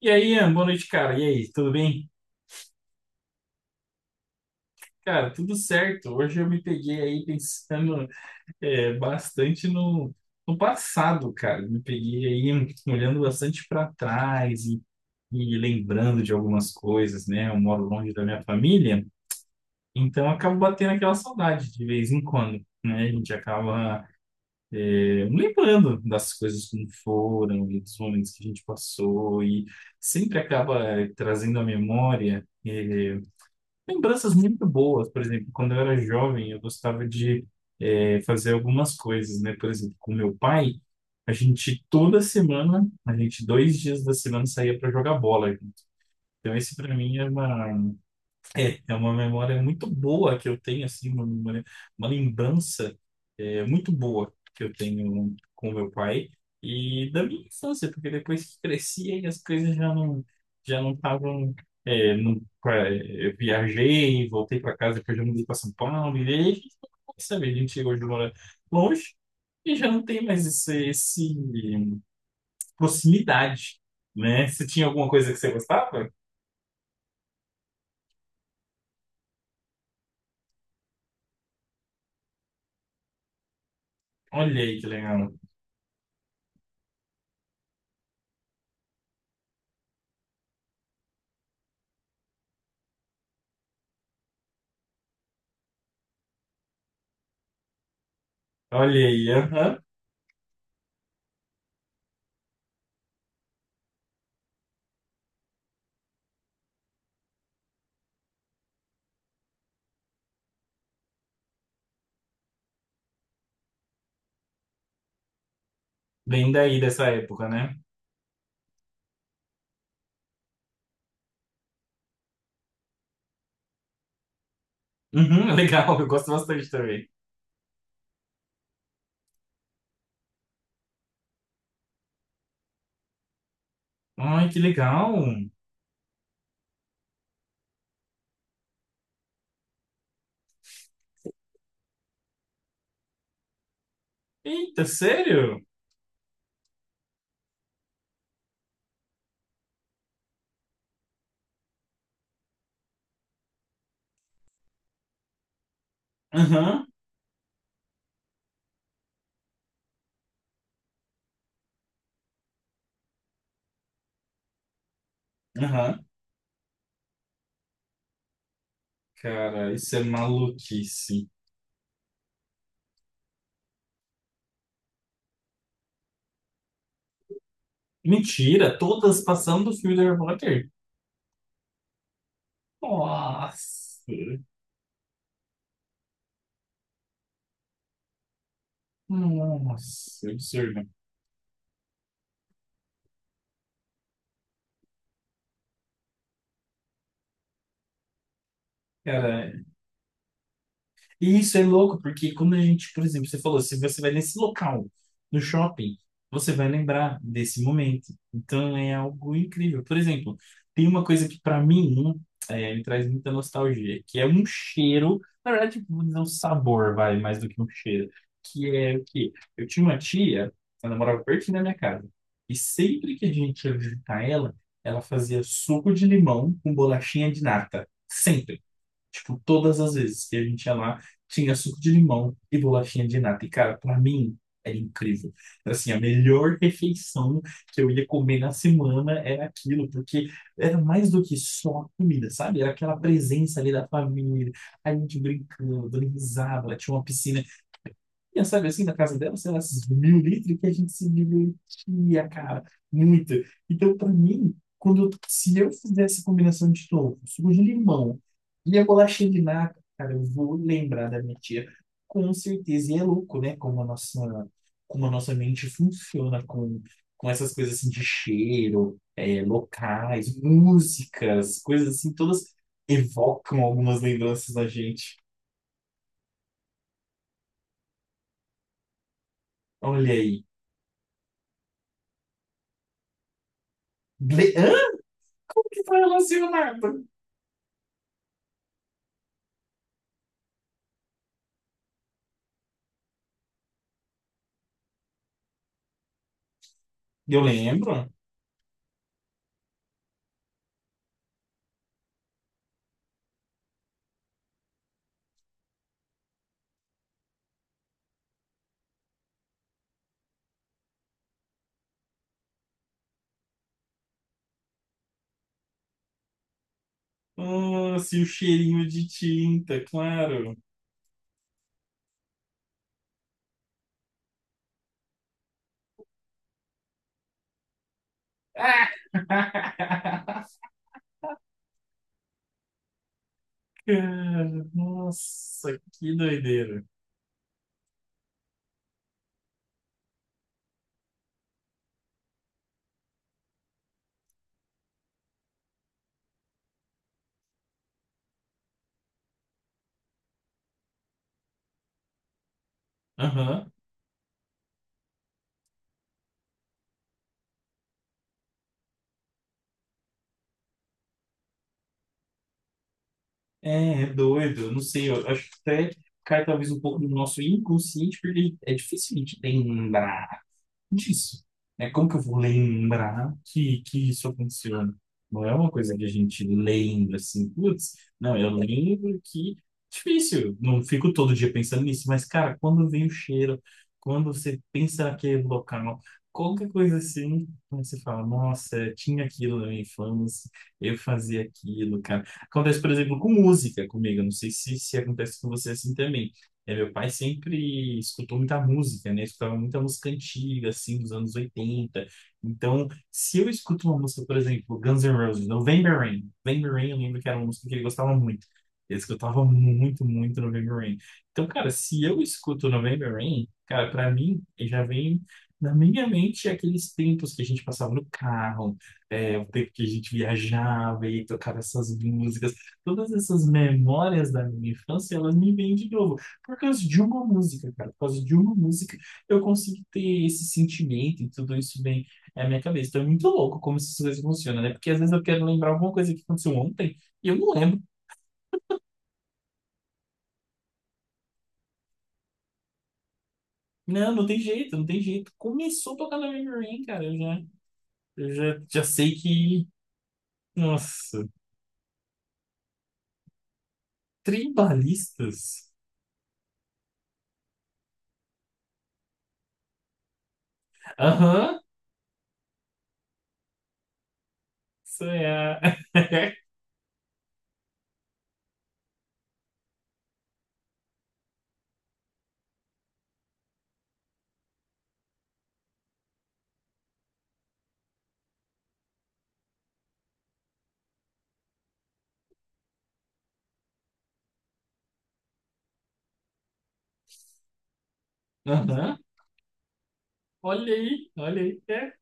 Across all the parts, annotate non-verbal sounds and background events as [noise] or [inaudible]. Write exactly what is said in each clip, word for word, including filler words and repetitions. E aí, Ian, boa noite, cara. E aí, tudo bem? Cara, tudo certo. Hoje eu me peguei aí pensando é, bastante no, no passado, cara. Me peguei aí hum, olhando bastante para trás e, e lembrando de algumas coisas, né? Eu moro longe da minha família, então eu acabo batendo aquela saudade de vez em quando, né? A gente acaba é, lembrando das coisas como foram e dos momentos que a gente passou e sempre acaba é, trazendo à memória. é, Lembranças muito boas, por exemplo, quando eu era jovem, eu gostava de eh, fazer algumas coisas, né? Por exemplo, com meu pai, a gente toda semana, a gente dois dias da semana saía para jogar bola. junto. Então, esse para mim é uma é, é uma memória muito boa que eu tenho, assim, uma memória, uma lembrança é, muito boa que eu tenho com meu pai e da minha infância, porque depois que cresci, aí as coisas já não já não estavam. É, não- pra- eu viajei, voltei para casa, depois já mudei para São Paulo, e aí a gente pode a gente hoje mora longe e já não tem mais esse, esse proximidade, né? Você tinha alguma coisa que você gostava? Olha aí que legal. Olha aí, aham. Bem daí dessa época, né? Uhum, [laughs] legal, eu gosto bastante também. Ai, que legal! Eita, sério? Aham, aham. Cara, isso é maluquice. Mentira, todas passando do filme do Harry Potter. Nossa, nossa, absurdo. Cara, e isso é louco, porque quando a gente, por exemplo, você falou, se você vai nesse local, no shopping, você vai lembrar desse momento. Então é algo incrível. Por exemplo, tem uma coisa que para mim hum, é, me traz muita nostalgia, que é um cheiro, na verdade, vou dizer um sabor, vai, mais do que um cheiro, que é o quê? Eu tinha uma tia, ela morava pertinho da minha casa, e sempre que a gente ia visitar ela, ela fazia suco de limão com bolachinha de nata. Sempre. Tipo, todas as vezes que a gente ia lá, tinha suco de limão e bolachinha de nata. E, cara, pra mim, era incrível. Assim, a melhor [laughs] refeição que eu ia comer na semana era aquilo, porque era mais do que só a comida, sabe? Era aquela presença ali da família, a gente brincando, dando risada, lá tinha uma piscina. E eu sabe assim, na casa dela, sei lá, esses mil litros que a gente se divertia, cara, muito. Então, pra mim, quando eu- se eu fizesse combinação de tofu, suco de limão e a bolachinha de nata cara, eu vou lembrar da minha tia, com certeza. E é louco, né? Como a nossa, como a nossa mente funciona com, com essas coisas assim de cheiro, eh, locais, músicas, coisas assim, todas evocam algumas lembranças da gente. Olha aí. Le- Hã? Que foi relacionado. Eu lembro. Ah, se o cheirinho de tinta, claro. Ah! [laughs] Cara, nossa, que doideira. Aham. É, é doido. Eu não sei, eu acho que até cai talvez um pouco do nosso inconsciente, porque é difícil a gente lembrar. disso, né? Como que eu vou lembrar que, que isso aconteceu? Não é uma coisa que a gente lembra assim, putz, não, eu lembro que difícil, não fico todo dia pensando nisso, mas cara, quando vem o cheiro, quando você pensa naquele local, qualquer coisa assim, você fala, nossa, eu tinha aquilo na minha infância, eu fazia aquilo, cara. Acontece, por exemplo, com música comigo, eu não sei se, se acontece com você assim também. É, meu pai sempre escutou muita música, né? Escutava muita música antiga, assim, dos anos oitenta. Então, se eu escuto uma música, por exemplo, Guns N' Roses, November Rain. November Rain, eu lembro que era uma música que ele gostava muito. Ele escutava muito, muito November Rain. Então, cara, se eu escuto November Rain, cara, pra mim, ele já vem na minha mente aqueles tempos que a gente passava no carro, é, o tempo que a gente viajava e tocava essas músicas. Todas essas memórias da minha infância, elas me vêm de novo. Por causa de uma música, cara. Por causa de uma música, eu consigo ter esse sentimento e tudo isso vem na minha cabeça. Então é muito louco como essas coisas funcionam, né? Porque às vezes eu quero lembrar alguma coisa que aconteceu ontem e eu não lembro. Não, não tem jeito, não tem jeito. Começou a tocar na Memory Lane, cara. Eu já, eu já, já sei que. Nossa, tribalistas? Aham, isso é. a- [laughs] Aham, olha aí, olha aí. É.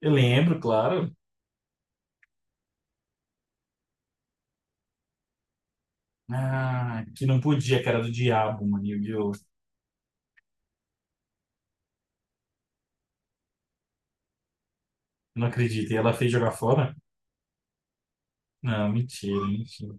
Eu lembro, claro. Ah, que não podia, que era do diabo, mano. Yu-Gi-Oh! Não acredito. E ela fez jogar fora? Não, mentira, mentira.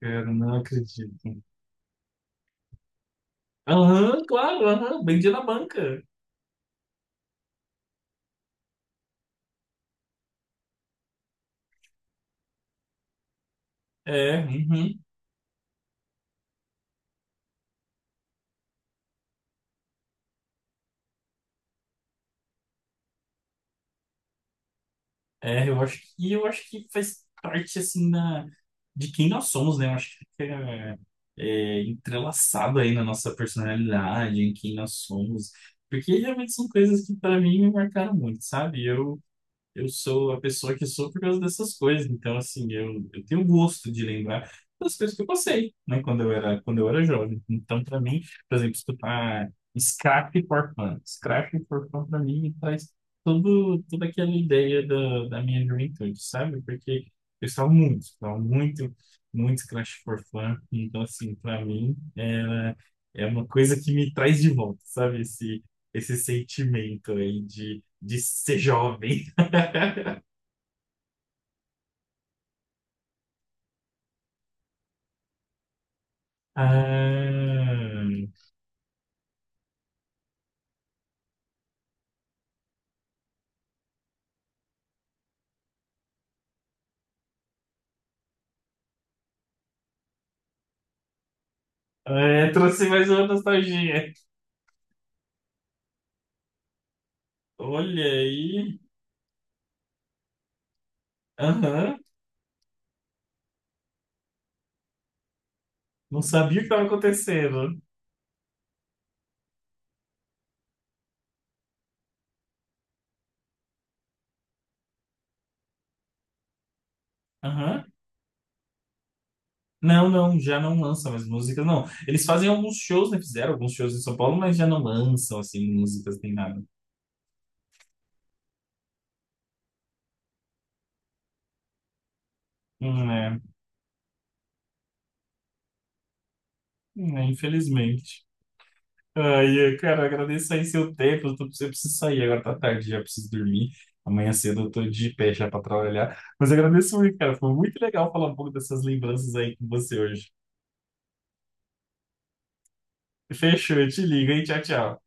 Cara, não acredito. Aham, claro, aham, bem dia na banca. É, uhum. É, eu acho que e eu acho que faz parte assim da, de quem nós somos, né? Eu acho que é, é entrelaçado aí na nossa personalidade, em quem nós somos. Porque realmente são coisas que para mim me marcaram muito, sabe? Eu Eu sou a pessoa que sou por causa dessas coisas. Então, assim, eu, eu tenho gosto de lembrar das coisas que eu passei, né? Quando eu era, quando eu era jovem. Então, para mim, por exemplo, escutar Scrap for Fun. Scrap for Fun, para mim, traz todo, toda aquela ideia da, da minha juventude, sabe? Porque eu estava muito, estava muito, muito Scrap for Fun. Então, assim, para mim, era, é uma coisa que me traz de volta, sabe? Esse, esse sentimento aí de, de ser jovem. Ah, é, trouxe mais uma nostalgia. Olha aí. Aham. Não sabia o que estava acontecendo. Aham. Não, não, já não lançam mais músicas, não. Eles fazem alguns shows, né? Fizeram alguns shows em São Paulo, mas já não lançam, assim, músicas nem nada. Hum, é. Hum, é, infelizmente. Ai, cara, agradeço aí seu tempo. Eu, tô, eu preciso sair agora, tá tarde, já preciso dormir. Amanhã cedo eu tô de pé já pra trabalhar. Mas eu agradeço muito, cara. Foi muito legal falar um pouco dessas lembranças aí com você hoje. Fechou, eu te ligo, hein? Tchau, tchau.